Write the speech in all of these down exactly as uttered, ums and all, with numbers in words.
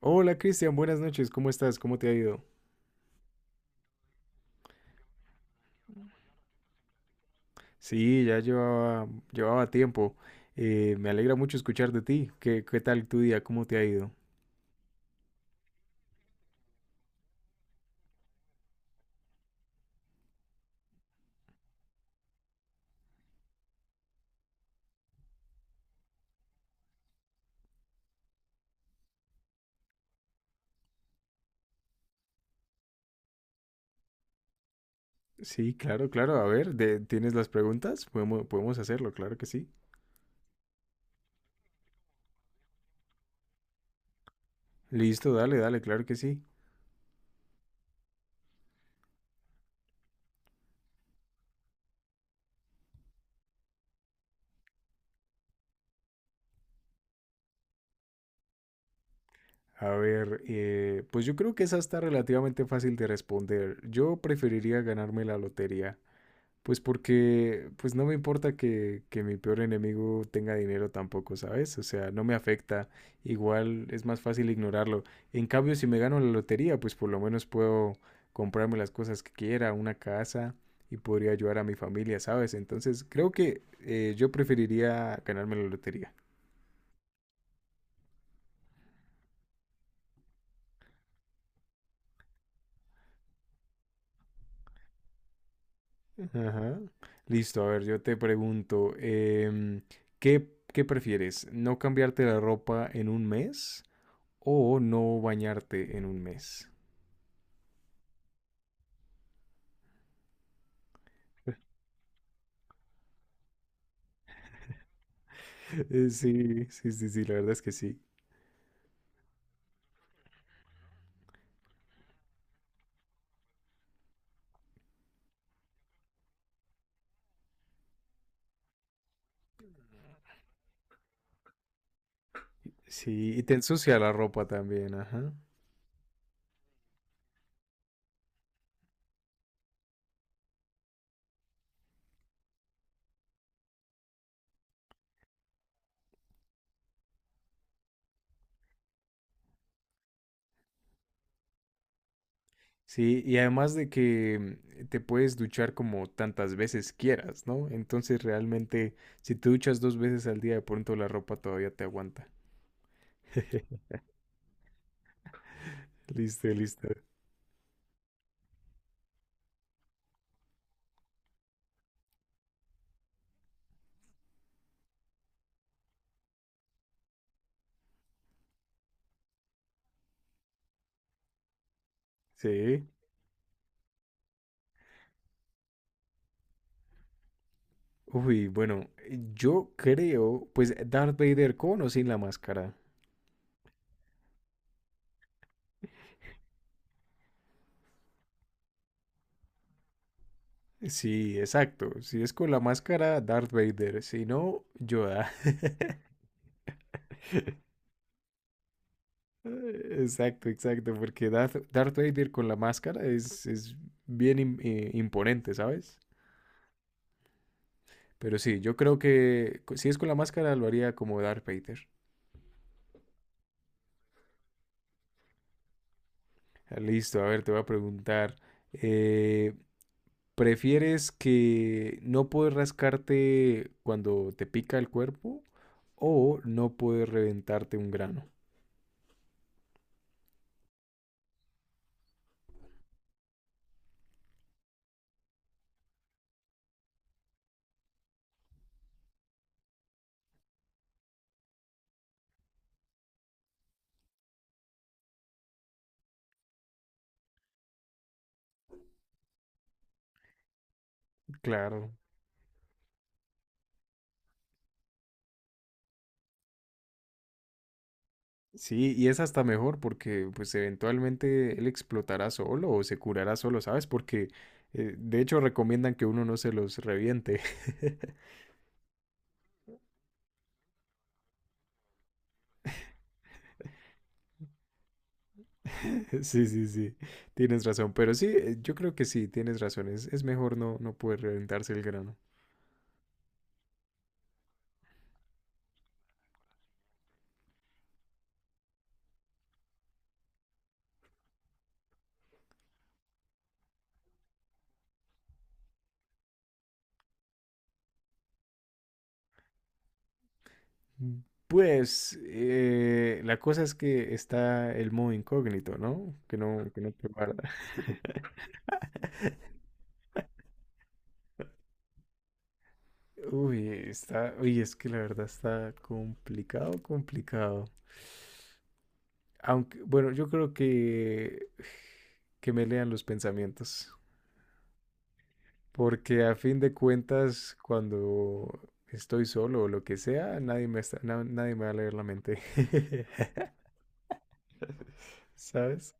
Hola Cristian, buenas noches, ¿cómo estás? ¿Cómo te ha ido? Sí, ya llevaba, llevaba tiempo. Eh, me alegra mucho escuchar de ti. ¿Qué, qué tal tu día? ¿Cómo te ha ido? Sí, claro, claro. A ver, de- ¿tienes las preguntas? Podemos, podemos hacerlo, claro que sí. Listo, dale, dale, claro que sí. A ver, eh, pues yo creo que esa está relativamente fácil de responder. Yo preferiría ganarme la lotería. Pues porque, pues no me importa que, que mi peor enemigo tenga dinero tampoco, ¿sabes? O sea, no me afecta. Igual es más fácil ignorarlo. En cambio, si me gano la lotería, pues por lo menos puedo comprarme las cosas que quiera, una casa, y podría ayudar a mi familia, ¿sabes? Entonces, creo que eh, yo preferiría ganarme la lotería. Ajá. Listo, a ver, yo te pregunto, em, ¿qué, qué prefieres? ¿No cambiarte la ropa en un mes o no bañarte en un mes? Eh, Sí, sí, sí, sí, la verdad es que sí. Sí, y te ensucia la ropa también, ajá. Sí, y además de que, mm, te puedes duchar como tantas veces quieras, ¿no? Entonces realmente, si te duchas dos veces al día, de pronto la ropa todavía te aguanta. Listo, listo. Sí. Uy, bueno, yo creo, pues Darth Vader con o sin la máscara. Sí, exacto. Si es con la máscara, Darth Vader. Si no, Yoda. Exacto, exacto. Porque Darth, Darth Vader con la máscara es, es bien im- eh, imponente, ¿sabes? Pero sí, yo creo que co- si es con la máscara, lo haría como Darth Vader. Ah, listo, a ver, te voy a preguntar. eh, ¿prefieres que no puedes rascarte cuando te pica el cuerpo, o no puedes reventarte un grano? Claro. Sí, y es hasta mejor, porque pues eventualmente él explotará solo o se curará solo, ¿sabes? Porque eh, de hecho recomiendan que uno no se los reviente. Sí, sí, sí, tienes razón, pero sí, eh, yo creo que sí, tienes razón, es, es mejor no, no poder reventarse el grano. Mm, Pues eh, la cosa es que está el modo incógnito, ¿no? Que no, que no te guarda. Uy, está, uy, es que la verdad está complicado, complicado. Aunque, bueno, yo creo que que me lean los pensamientos, porque a fin de cuentas, cuando estoy solo o lo que sea, nadie me está- na- nadie me va a leer la mente. ¿Sabes?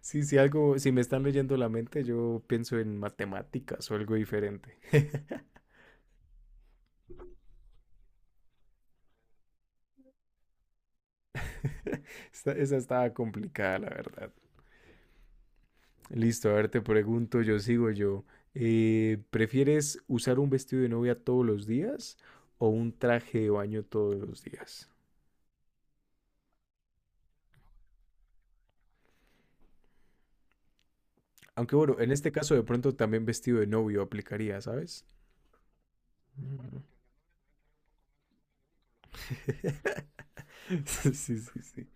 Sí, si algo, si me están leyendo la mente, yo pienso en matemáticas o algo diferente. Esta- esa estaba complicada, la verdad. Listo, a ver, te pregunto, yo sigo yo. Eh, ¿prefieres usar un vestido de novia todos los días o un traje de baño todos los días? Aunque bueno, en este caso de pronto también vestido de novio aplicaría, ¿sabes? Mm. Sí, sí, sí.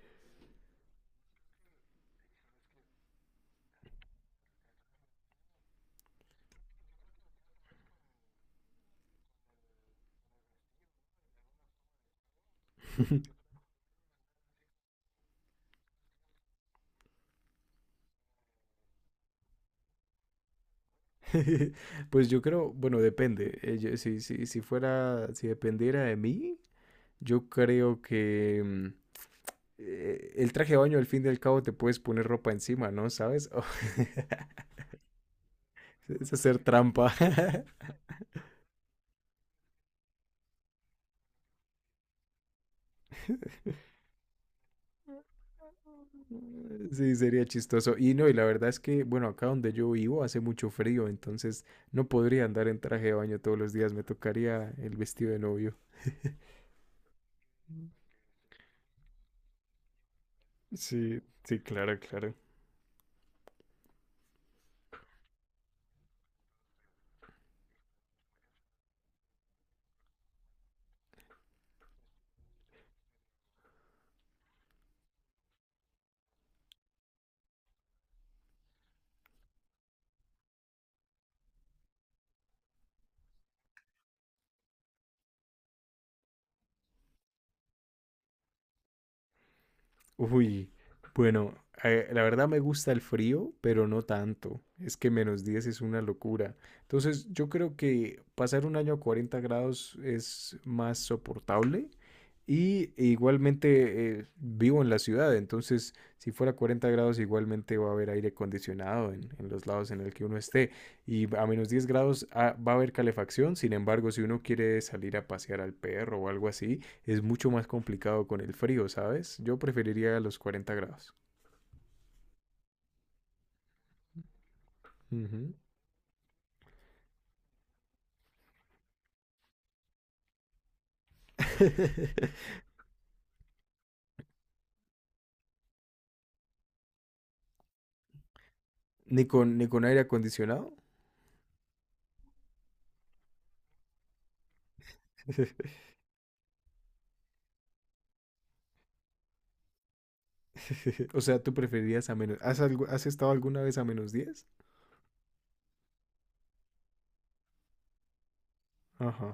Pues yo creo, bueno, depende. Eh, yo- si, si, si fuera, si dependiera de mí, yo creo que, mm, eh, el traje de baño al fin y al cabo te puedes poner ropa encima, ¿no? ¿Sabes? O- es hacer trampa. Sí, sería chistoso. Y no, y la verdad es que, bueno, acá donde yo vivo hace mucho frío, entonces no podría andar en traje de baño todos los días, me tocaría el vestido de novio. Sí, sí, claro, claro. Uy, bueno, eh, la verdad me gusta el frío, pero no tanto. Es que menos diez es una locura. Entonces, yo creo que pasar un año a cuarenta grados es más soportable. Y e igualmente, eh, vivo en la ciudad, entonces si fuera cuarenta grados igualmente va a haber aire acondicionado en, en los lados en el que uno esté. Y a menos diez grados, ah, va a haber calefacción; sin embargo, si uno quiere salir a pasear al perro o algo así, es mucho más complicado con el frío, ¿sabes? Yo preferiría los cuarenta grados. Ujú. Ni con, ni con aire acondicionado. O sea, tú preferirías a menos. ¿Has, algu- has estado alguna vez a menos diez? Ajá.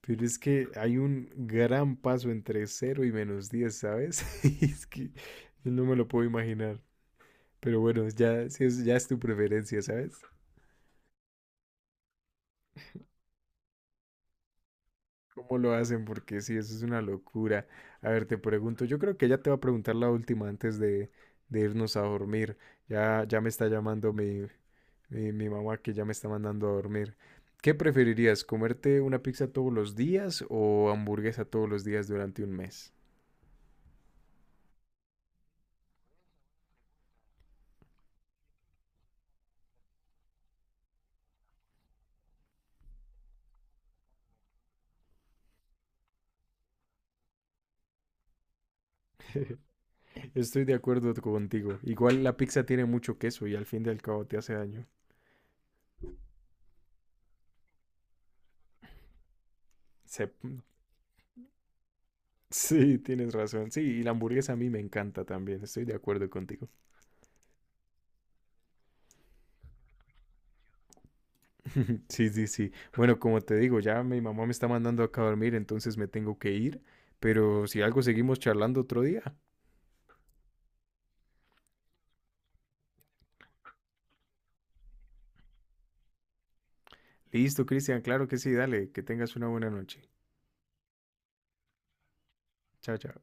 Pero es que hay un gran paso entre cero y menos diez, ¿sabes? Es que no me lo puedo imaginar. Pero bueno, ya, si es, ya es tu preferencia, ¿sabes? ¿Cómo lo hacen? Porque sí, eso es una locura. A ver, te pregunto, yo creo que ella te va a preguntar la última antes de, de irnos a dormir. Ya, ya me está llamando mi, mi, mi mamá, que ya me está mandando a dormir. ¿Qué preferirías, comerte una pizza todos los días o hamburguesa todos los días durante un mes? Estoy de acuerdo contigo. Igual la pizza tiene mucho queso y al fin y al cabo te hace daño. Se- Sí, tienes razón. Sí, y la hamburguesa a mí me encanta también. Estoy de acuerdo contigo. Sí, sí, sí. Bueno, como te digo, ya mi mamá me está mandando acá a dormir, entonces me tengo que ir. Pero si algo, seguimos charlando otro día. Listo, Cristian, claro que sí, dale, que tengas una buena noche. Chao, chao.